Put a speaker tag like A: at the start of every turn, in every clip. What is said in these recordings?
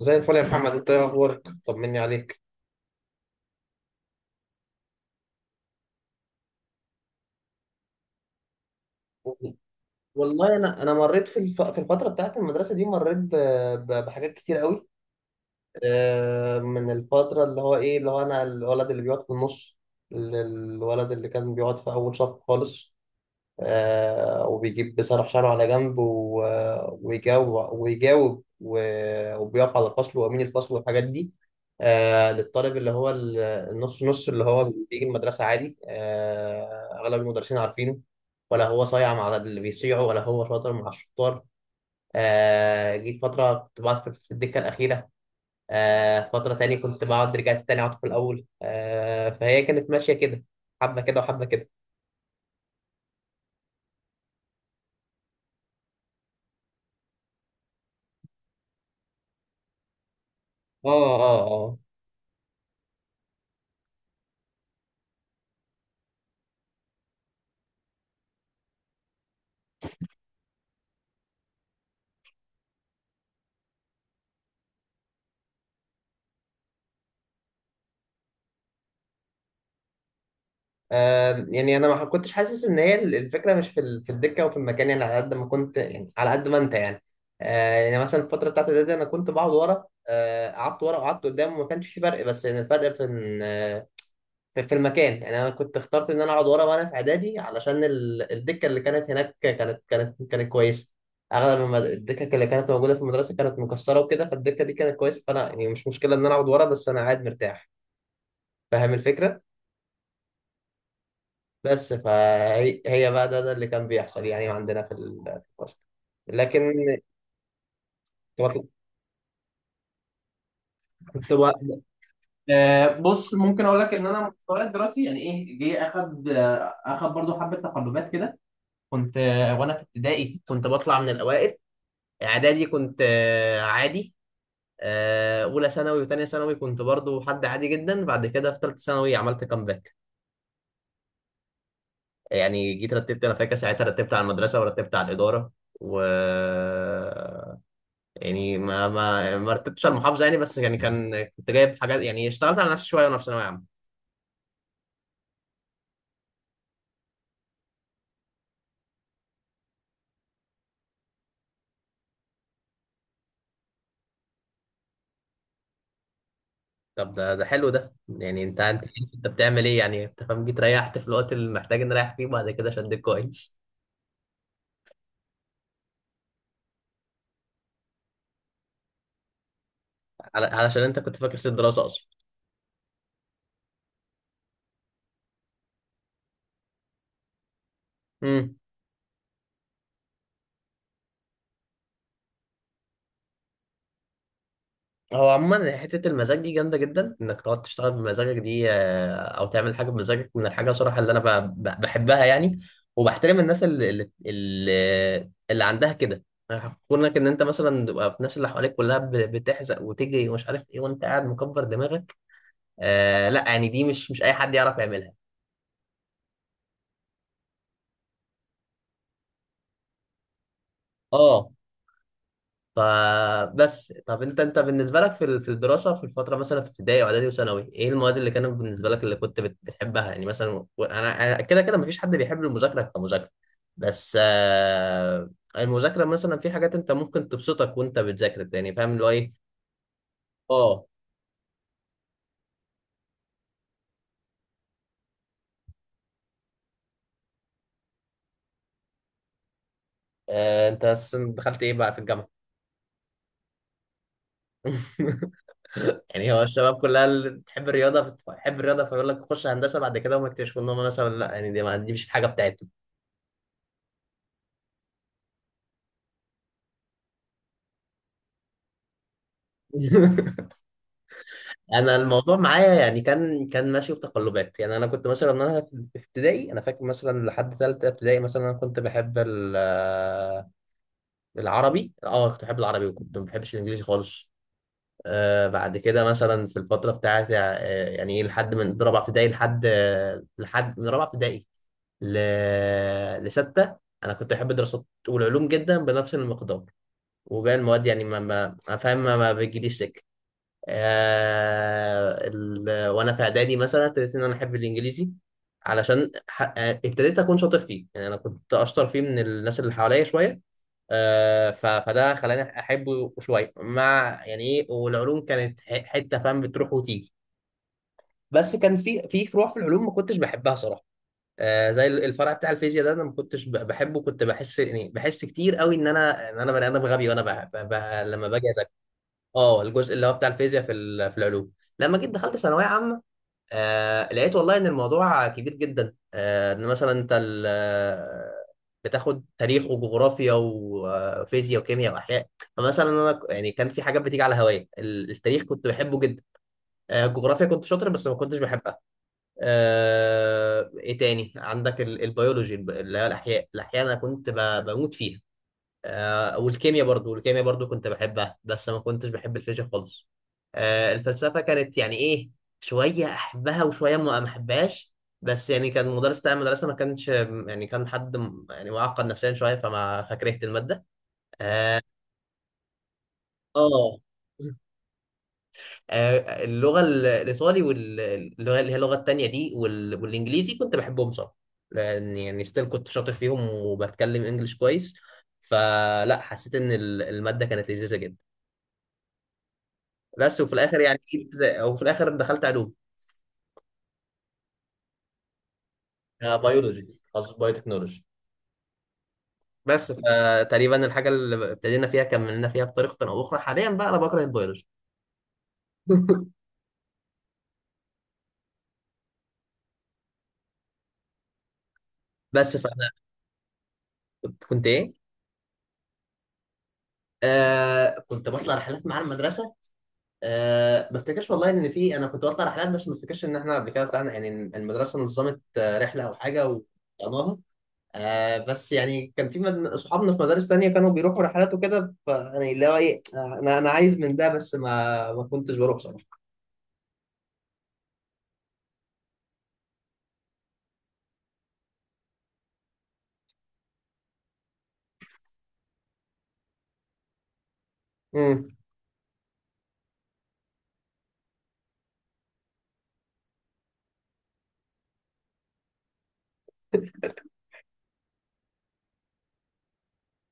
A: زي الفل يا محمد، انت ايه اخبارك؟ طمني عليك. والله انا مريت في الفتره بتاعت المدرسه دي، مريت بحاجات كتير قوي. من الفتره اللي هو ايه، اللي هو انا الولد اللي بيقعد في النص، ال- الولد اللي كان بيقعد في اول صف خالص. بيصرف شعره على جنب ويجاوب ويجاوب وبيقف على الفصل، وأمين الفصل والحاجات دي. للطالب اللي هو النص، نص اللي هو بيجي المدرسة عادي. أغلب المدرسين عارفينه، ولا هو صايع مع اللي بيصيعوا ولا هو شاطر مع الشطار. جيت فترة كنت بقعد في الدكة الأخيرة، فترة تاني كنت بقعد، رجعت تاني أقعد في الأول. فهي كانت ماشية كده، حبة كده وحبة كده. اه اه. يعني انا ما كنتش حاسس ان هي الفكره مش في في الدكه او في المكان، يعني على قد ما كنت، يعني على قد ما انت يعني. يعني مثلا الفتره بتاعت ده انا كنت بقعد ورا، قعدت ورا وقعدت قدام وما كانش في فرق، بس يعني الفرق في في المكان، يعني انا كنت اخترت ان انا اقعد ورا وانا في اعدادي علشان الدكه اللي كانت هناك كانت كويسه. اغلب الدكك اللي كانت موجوده في المدرسه كانت مكسره وكده، فالدكه دي كانت كويسه، فانا يعني مش مشكله ان انا اقعد ورا، بس انا قاعد مرتاح. فاهم الفكره. بس فهي بقى ده اللي كان بيحصل يعني عندنا في في الفصل. لكن كنت كنت بقى- بص ممكن اقول لك ان انا مستواي الدراسي يعني ايه، جه اخد، اخد برضو حبه تقلبات كده. كنت آه، وانا في ابتدائي كنت بطلع من الاوائل، اعدادي كنت عادي، اولى ثانوي وثانيه ثانوي كنت برضو حد عادي جدا. بعد كده في ثالثه ثانوي عملت كامباك. يعني جيت رتبت، انا فاكر ساعتها رتبت على المدرسه ورتبت على الاداره، و، يعني ما رتبتش على المحافظه يعني، بس يعني كان كنت جايب حاجات يعني، اشتغلت على نفسي شويه وانا في ثانويه عامه. طب ده حلو، ده يعني انت انت بتعمل ايه يعني، انت فاهم، جيت ريحت في الوقت اللي محتاج نريح فيه، وبعد كده شدك كويس. على- علشان انت كنت فاكس الدراسه اصلا. امم. هو عموما حتة المزاج دي جامدة جدا، انك تقعد تشتغل بمزاجك دي، او تعمل حاجة بمزاجك، من الحاجة صراحة اللي انا بحبها يعني، وبحترم الناس اللي عندها كده. كونك ان انت مثلا تبقى في الناس اللي حواليك كلها بتحزق وتجري ومش عارف ايه، وانت قاعد مكبر دماغك، آه لا، يعني دي مش اي حد يعرف يعملها. اه. فبس، طب انت بالنسبه لك في في الدراسه، في الفتره مثلا في ابتدائي واعدادي وثانوي، ايه المواد اللي كانت بالنسبه لك اللي كنت بتحبها يعني مثلا؟ و- انا أنا كده كده مفيش حد بيحب المذاكره كمذاكره، بس المذاكره مثلا في حاجات انت ممكن تبسطك وانت بتذاكر، يعني فاهم اللي هو ايه. اه. انت أساساً دخلت ايه بقى في الجامعه؟ يعني هو الشباب كلها اللي بتحب الرياضه بتحب الرياضه، فيقول لك خش هندسه، بعد كده هم يكتشفوا ان هم مثلا لا، يعني دي مش الحاجه بتاعتهم. انا الموضوع معايا يعني كان ماشي بتقلبات يعني، انا كنت مثلا، انا في ابتدائي انا فاكر مثلا لحد ثالثه ابتدائي مثلا انا كنت بحب العربي، اه كنت بحب العربي وكنت ما بحبش الانجليزي خالص. آه بعد كده مثلا في الفتره بتاعتي، آه، يعني ايه لحد من رابعه ابتدائي لحد آه، لحد من رابعه ابتدائي ل... لستة، أنا كنت أحب الدراسات والعلوم جدا بنفس المقدار، وباقي المواد يعني ما ما ما فاهم ما, ما بتجيليش سكة. وانا في اعدادي مثلا ابتديت ان انا احب الانجليزي علشان ح... آه، ابتديت اكون شاطر فيه، يعني انا كنت اشطر فيه من الناس اللي حواليا شويه، فده خلاني احبه شويه، مع يعني ايه، والعلوم كانت حته فاهم، بتروح وتيجي، بس كان في فروع في العلوم ما كنتش بحبها صراحه. آه زي الفرع بتاع الفيزياء ده، انا ما كنتش بحبه، كنت بحس يعني بحس كتير قوي ان انا بني ادم غبي، وانا لما باجي، اه الجزء اللي هو بتاع الفيزياء في في العلوم. لما جيت دخلت ثانويه عامه، آه لقيت والله ان الموضوع كبير جدا، آه ان مثلا انت بتاخد تاريخ وجغرافيا وفيزياء وكيمياء واحياء. فمثلا يعني كان في حاجات بتيجي على هوايا، التاريخ كنت بحبه جدا، آه الجغرافيا كنت شاطر بس ما كنتش بحبها. آه ايه تاني عندك، البيولوجي اللي هي الاحياء، الاحياء انا كنت بموت فيها، آه، والكيمياء برضو كنت بحبها، بس ما كنتش بحب الفيزياء خالص. آه، الفلسفة كانت يعني إيه، شوية أحبها وشوية ما أحبهاش، بس يعني كان المدرس بتاع المدرسة ما كانش يعني، كان حد يعني معقد نفسيا شوية فما فكرهت المادة. آه، اللغة الإيطالي، واللغة اللي هي اللغة التانية دي، والإنجليزي كنت بحبهم صراحة، لأن يعني ستيل كنت شاطر فيهم وبتكلم إنجليش كويس، فلا حسيت إن المادة كانت لذيذة جدا. بس وفي الاخر يعني جيت، او في الاخر دخلت علوم، بيولوجي تخصص بايوتكنولوجي. بس فتقريبا الحاجه اللي ابتدينا فيها كملنا فيها بطريقه او اخرى، حاليا بقى انا بكره البيولوجي. بس فانا كنت ايه، آه كنت بطلع رحلات مع المدرسه. آه ما افتكرش والله ان في، انا كنت بطلع رحلات بس ما افتكرش ان احنا قبل كده طلعنا، يعني المدرسه نظمت رحله او حاجه وطلعناها. آه بس يعني كان في صحابنا في مدارس تانية كانوا بيروحوا رحلات وكده، فيعني اللي هو ايه، آه، انا عايز من ده، بس ما كنتش بروح بصراحة. امم.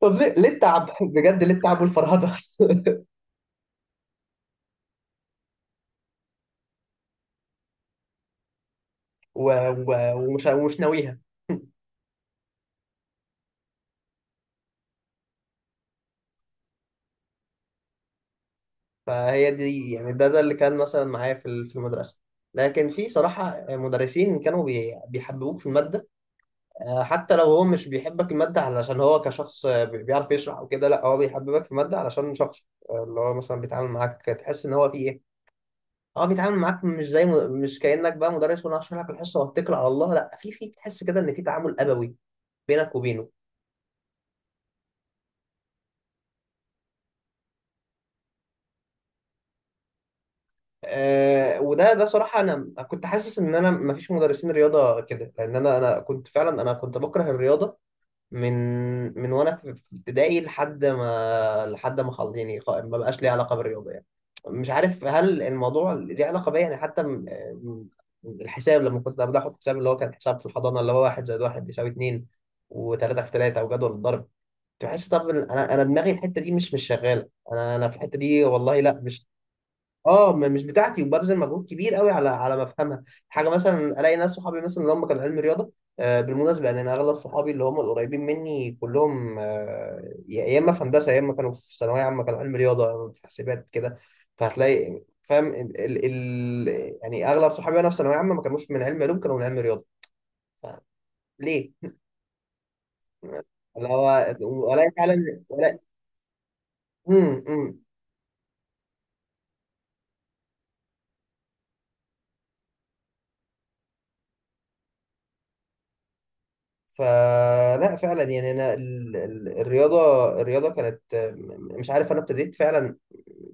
A: طب ليه ليه التعب، بجد ليه التعب والفرهدة؟ و... ومش ناويها. فهي دي، يعني ده اللي كان مثلا معايا في في المدرسة. لكن في صراحة مدرسين كانوا بيحببوك في المادة، حتى لو هو مش بيحبك المادة، علشان هو كشخص، بيعرف يشرح وكده، لا هو بيحببك في المادة علشان شخص، اللي هو مثلا بيتعامل معاك تحس ان هو في ايه، اه بيتعامل معاك مش زي مش كأنك بقى مدرس وانا هشرح لك الحصه واتكل على الله، لا في تحس كده ان في تعامل ابوي بينك وبينه. آه وده ده صراحه، انا كنت حاسس ان انا ما فيش مدرسين رياضه كده، لان انا كنت فعلا انا كنت بكره الرياضه. من من وانا في ابتدائي لحد ما يعني ما بقاش ليه علاقه بالرياضه يعني. مش عارف هل الموضوع ليه علاقه بيا، يعني حتى م- الحساب لما كنت قبل احط حساب، اللي هو كان حساب في الحضانه، اللي هو 1 + 1 = 2، و3 × 3 وجدول الضرب، تحس طب إن انا دماغي الحته دي مش شغاله، انا في الحته دي، والله لا مش، اه مش بتاعتي، وببذل مجهود كبير قوي على ما افهمها حاجه. مثلا الاقي ناس صحابي مثلا اللي هم كانوا علم رياضه. بالمناسبه يعني انا اغلب صحابي اللي هم القريبين مني كلهم، آه، يا اما في هندسه، يا اما كانوا في ثانويه عامه كانوا علم رياضه، يا إما في حاسبات كده. فهتلاقي فاهم ال يعني اغلب صحابي وانا في ثانويه عامه ما كانوش من علم علوم، كانوا من علم رياضه. ليه؟ اللي هو الاقي فعلا ولا. امم. فلا فعلا يعني انا الرياضه كانت مش عارف، انا ابتديت فعلا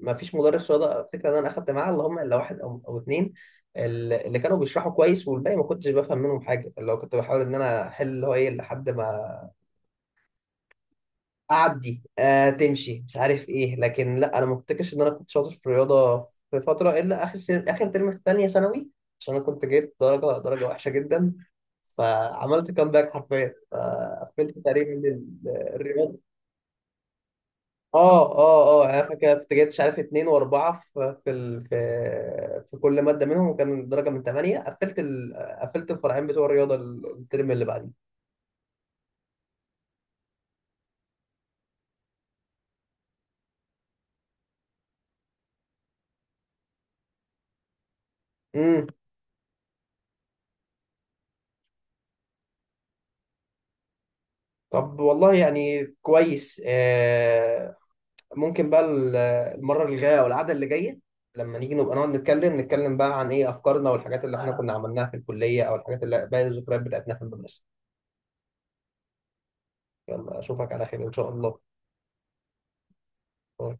A: ما فيش مدرس رياضه افتكر ان انا اخدت معاه، اللي هم الا واحد او او اتنين، اللي كانوا بيشرحوا كويس، والباقي ما كنتش بفهم منهم حاجه، اللي هو كنت بحاول ان انا احل اللي هو ايه لحد ما اعدي، آه تمشي مش عارف ايه. لكن لا انا ما افتكرش ان انا كنت شاطر في الرياضه في فتره الا اخر سنة، اخر ترم في ثانيه ثانوي، عشان انا كنت جايب درجه وحشه جدا، فعملت كامباك حرفيا فقفلت تقريبا ال- الرياض اه اه اه، يعني انا فاكر كنت جايب مش عارف اتنين واربعه في في ال- في في كل ماده منهم، وكان الدرجه من ثمانيه، قفلت الفرعين بتوع الرياضه الترم اللي بعديه. امم. طب والله يعني كويس. آه ممكن بقى المره اللي جايه او القعده اللي جايه لما نيجي نبقى نقعد نتكلم، نتكلم بقى عن ايه افكارنا والحاجات اللي احنا كنا عملناها في الكليه، او الحاجات اللي باقي الذكريات بتاعتنا في المدرسه. يلا اشوفك على خير ان شاء الله. هو